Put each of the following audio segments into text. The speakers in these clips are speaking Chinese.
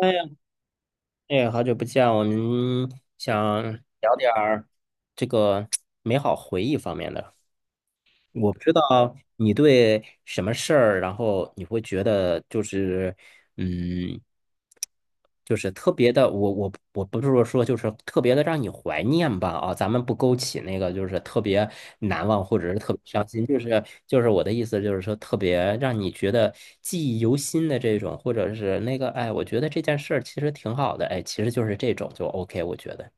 哎呀，哎，好久不见，我们想聊点儿这个美好回忆方面的。我不知道你对什么事儿，然后你会觉得就是，嗯，就是特别的，我不是说说就是特别的让你怀念吧啊，咱们不勾起那个就是特别难忘或者是特别伤心，就是我的意思就是说特别让你觉得记忆犹新的这种，或者是那个哎，我觉得这件事儿其实挺好的，哎，其实就是这种就 OK，我觉得，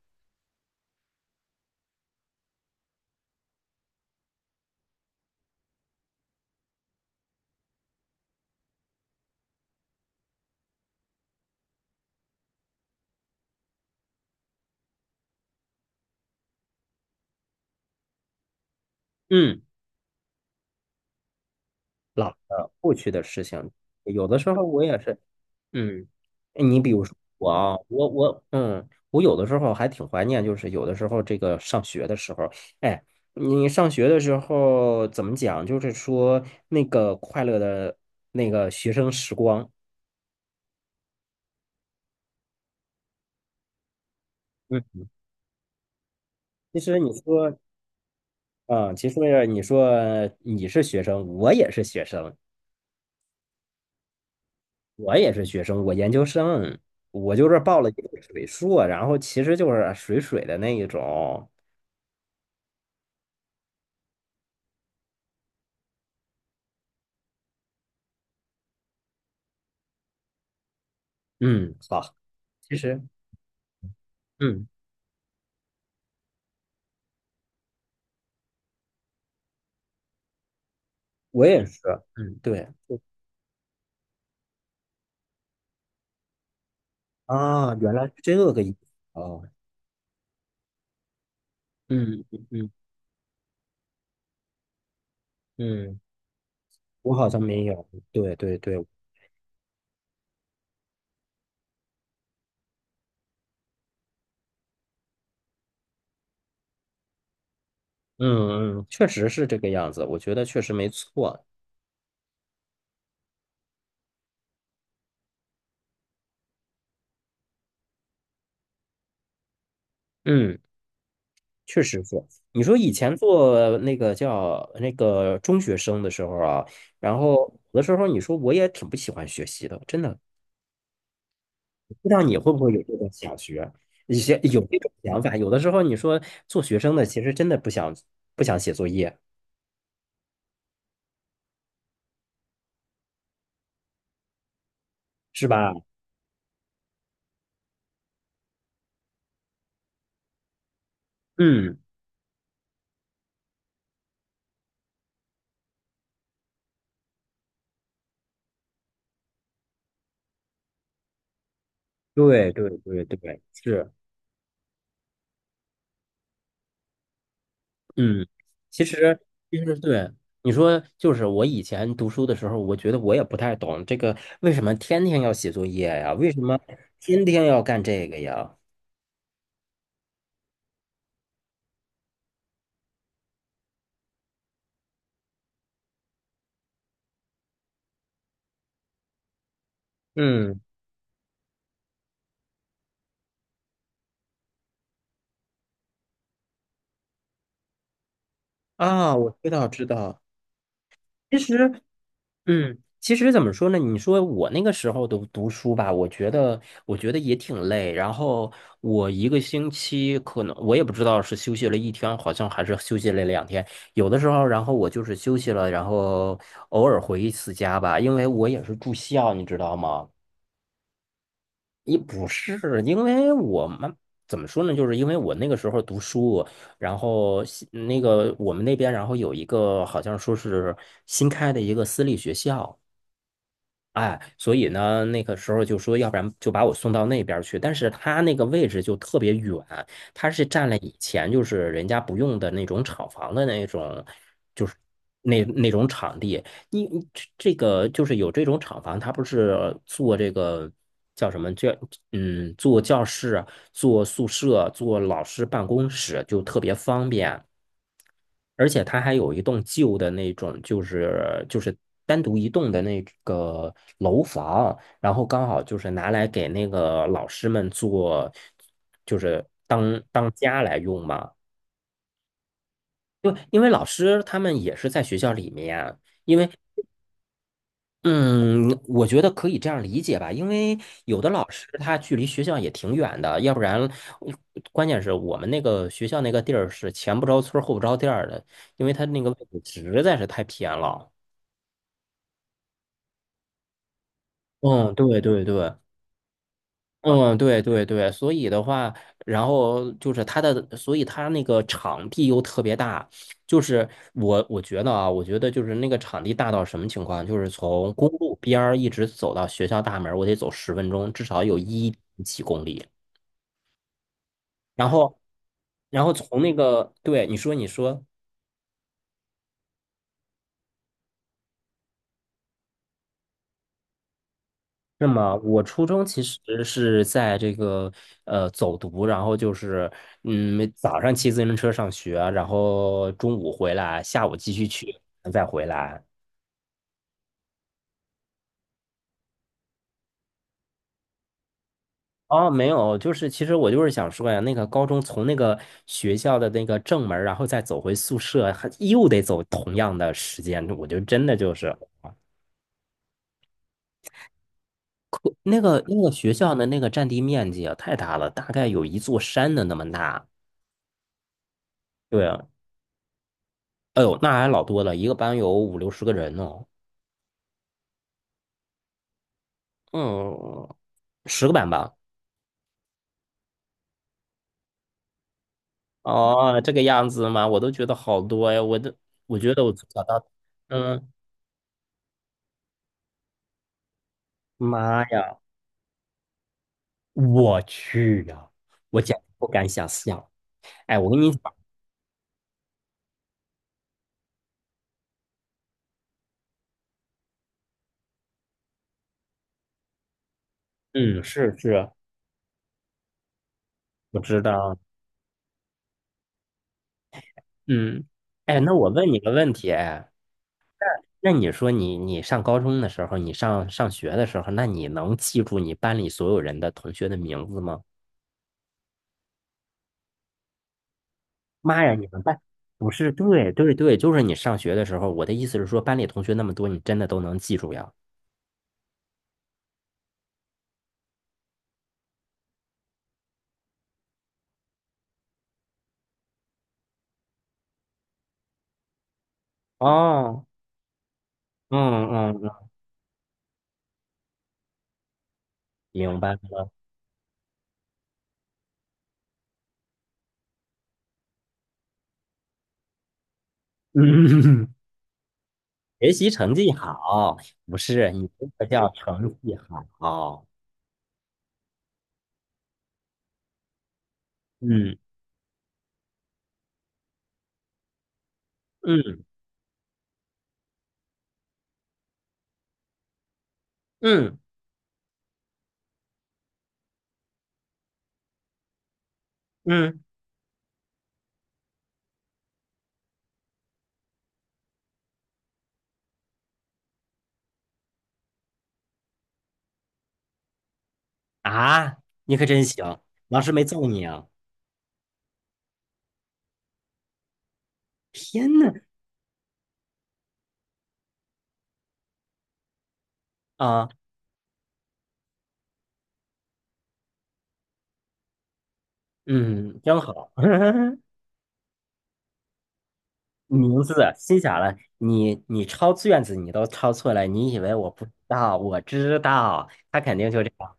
嗯，老的过去的事情，有的时候我也是。嗯，你比如说我啊，我有的时候还挺怀念，就是有的时候这个上学的时候，哎，你上学的时候怎么讲？就是说那个快乐的那个学生时光。嗯，其实你说，啊，其实你是学生，我也是学生，我研究生，我就是报了一个水硕，然后其实就是水水的那一种。嗯，好，其实。嗯。我也是，嗯，对，啊，原来是这个意思哦，嗯嗯嗯，嗯，我好像没有，对对对，嗯嗯，确实是这个样子，我觉得确实没错，嗯，确实是。你说以前做那个叫那个中学生的时候啊，然后有的时候你说我也挺不喜欢学习的，真的，不知道你会不会有这种想学，一些有这种想法，有的时候你说做学生的其实真的不想写作业，是吧？嗯。对对对对，是，嗯，其实其实对你说，就是我以前读书的时候，我觉得我也不太懂这个为什么天天要写作业呀？为什么天天要干这个呀？嗯，啊，我知道知道。其实。嗯，其实怎么说呢？你说我那个时候读读书吧，我觉得也挺累。然后我一个星期可能我也不知道是休息了一天，好像还是休息了2天。有的时候，然后我就是休息了，然后偶尔回一次家吧，因为我也是住校，你知道吗？也不是，因为我们怎么说呢？就是因为我那个时候读书，然后那个我们那边，然后有一个好像说是新开的一个私立学校。哎，所以呢，那个时候就说，要不然就把我送到那边儿去。但是他那个位置就特别远，他是占了以前就是人家不用的那种厂房的那种，就是那种场地。你这个就是有这种厂房，他不是做这个叫什么教，做教室啊、做宿舍、做老师办公室就特别方便。而且它还有一栋旧的那种，就是单独一栋的那个楼房，然后刚好就是拿来给那个老师们做，就是当家来用嘛。因为老师他们也是在学校里面啊，因为嗯，我觉得可以这样理解吧，因为有的老师他距离学校也挺远的，要不然嗯关键是我们那个学校那个地儿是前不着村儿后不着店儿的，因为他那个位置实在是太偏了。嗯，对对对，嗯，对对对，所以的话，然后就是它的，所以它那个场地又特别大，就是我觉得啊，我觉得就是那个场地大到什么情况，就是从公路边儿一直走到学校大门儿，我得走10分钟，至少有一点几公里。然后，然后从那个，对，你说你说。那么我初中其实是在这个走读，然后就是早上骑自行车上学，然后中午回来，下午继续去。哦，没有，就是其实我就是想说呀，那个高中从那个学校的那个正门儿然后再走回宿舍，还又得走同样的时间，我就真的就是可那个那个学校的那个占地面积啊太大了，大概有一座山的那么大。对啊，哎呦，那还老多了，一个班有五六十个人呢。嗯，10个班吧？哦，这个样子吗？我都觉得好多呀，我都我觉得我从小到，嗯，妈呀，我去呀，我简直不敢想象。哎，我跟你讲，嗯，是是，我知道，嗯，哎，那我问你个问题，哎，那你说你你上高中的时候，你上学的时候，那你能记住你班里所有人的同学的名字吗？妈呀，你们班不是，对对对，就是你上学的时候，我的意思是说，班里同学那么多，你真的都能记住呀？哦，嗯嗯嗯，明白了。嗯，学习成绩好，不是你这个叫成绩好。嗯嗯嗯嗯啊，你可真行，老师没揍你啊！天呐，啊，嗯，真好。名字心想了，你抄卷子你都抄错了，你以为我不知道？我知道，他肯定就这样，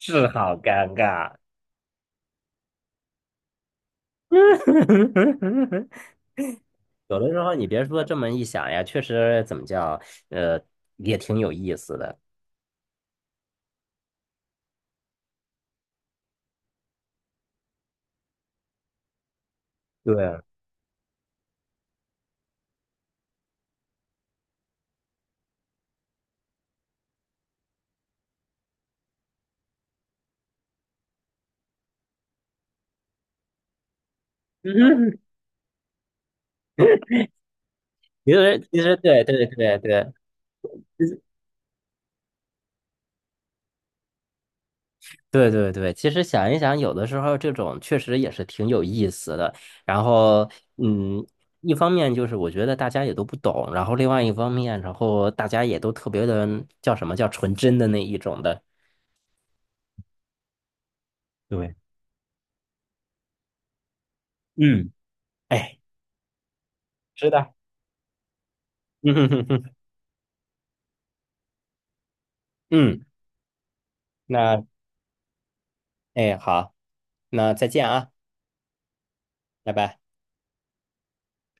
是好尴尬。有的时候你别说这么一想呀，确实怎么叫，呃，也挺有意思的。对，嗯，其实对对对对对对对，其实想一想，有的时候这种确实也是挺有意思的。然后，嗯，一方面就是我觉得大家也都不懂，然后另外一方面，然后大家也都特别的叫什么叫纯真的那一种的。对，嗯，哎，是的，嗯嗯嗯，那哎好，那再见啊，拜拜。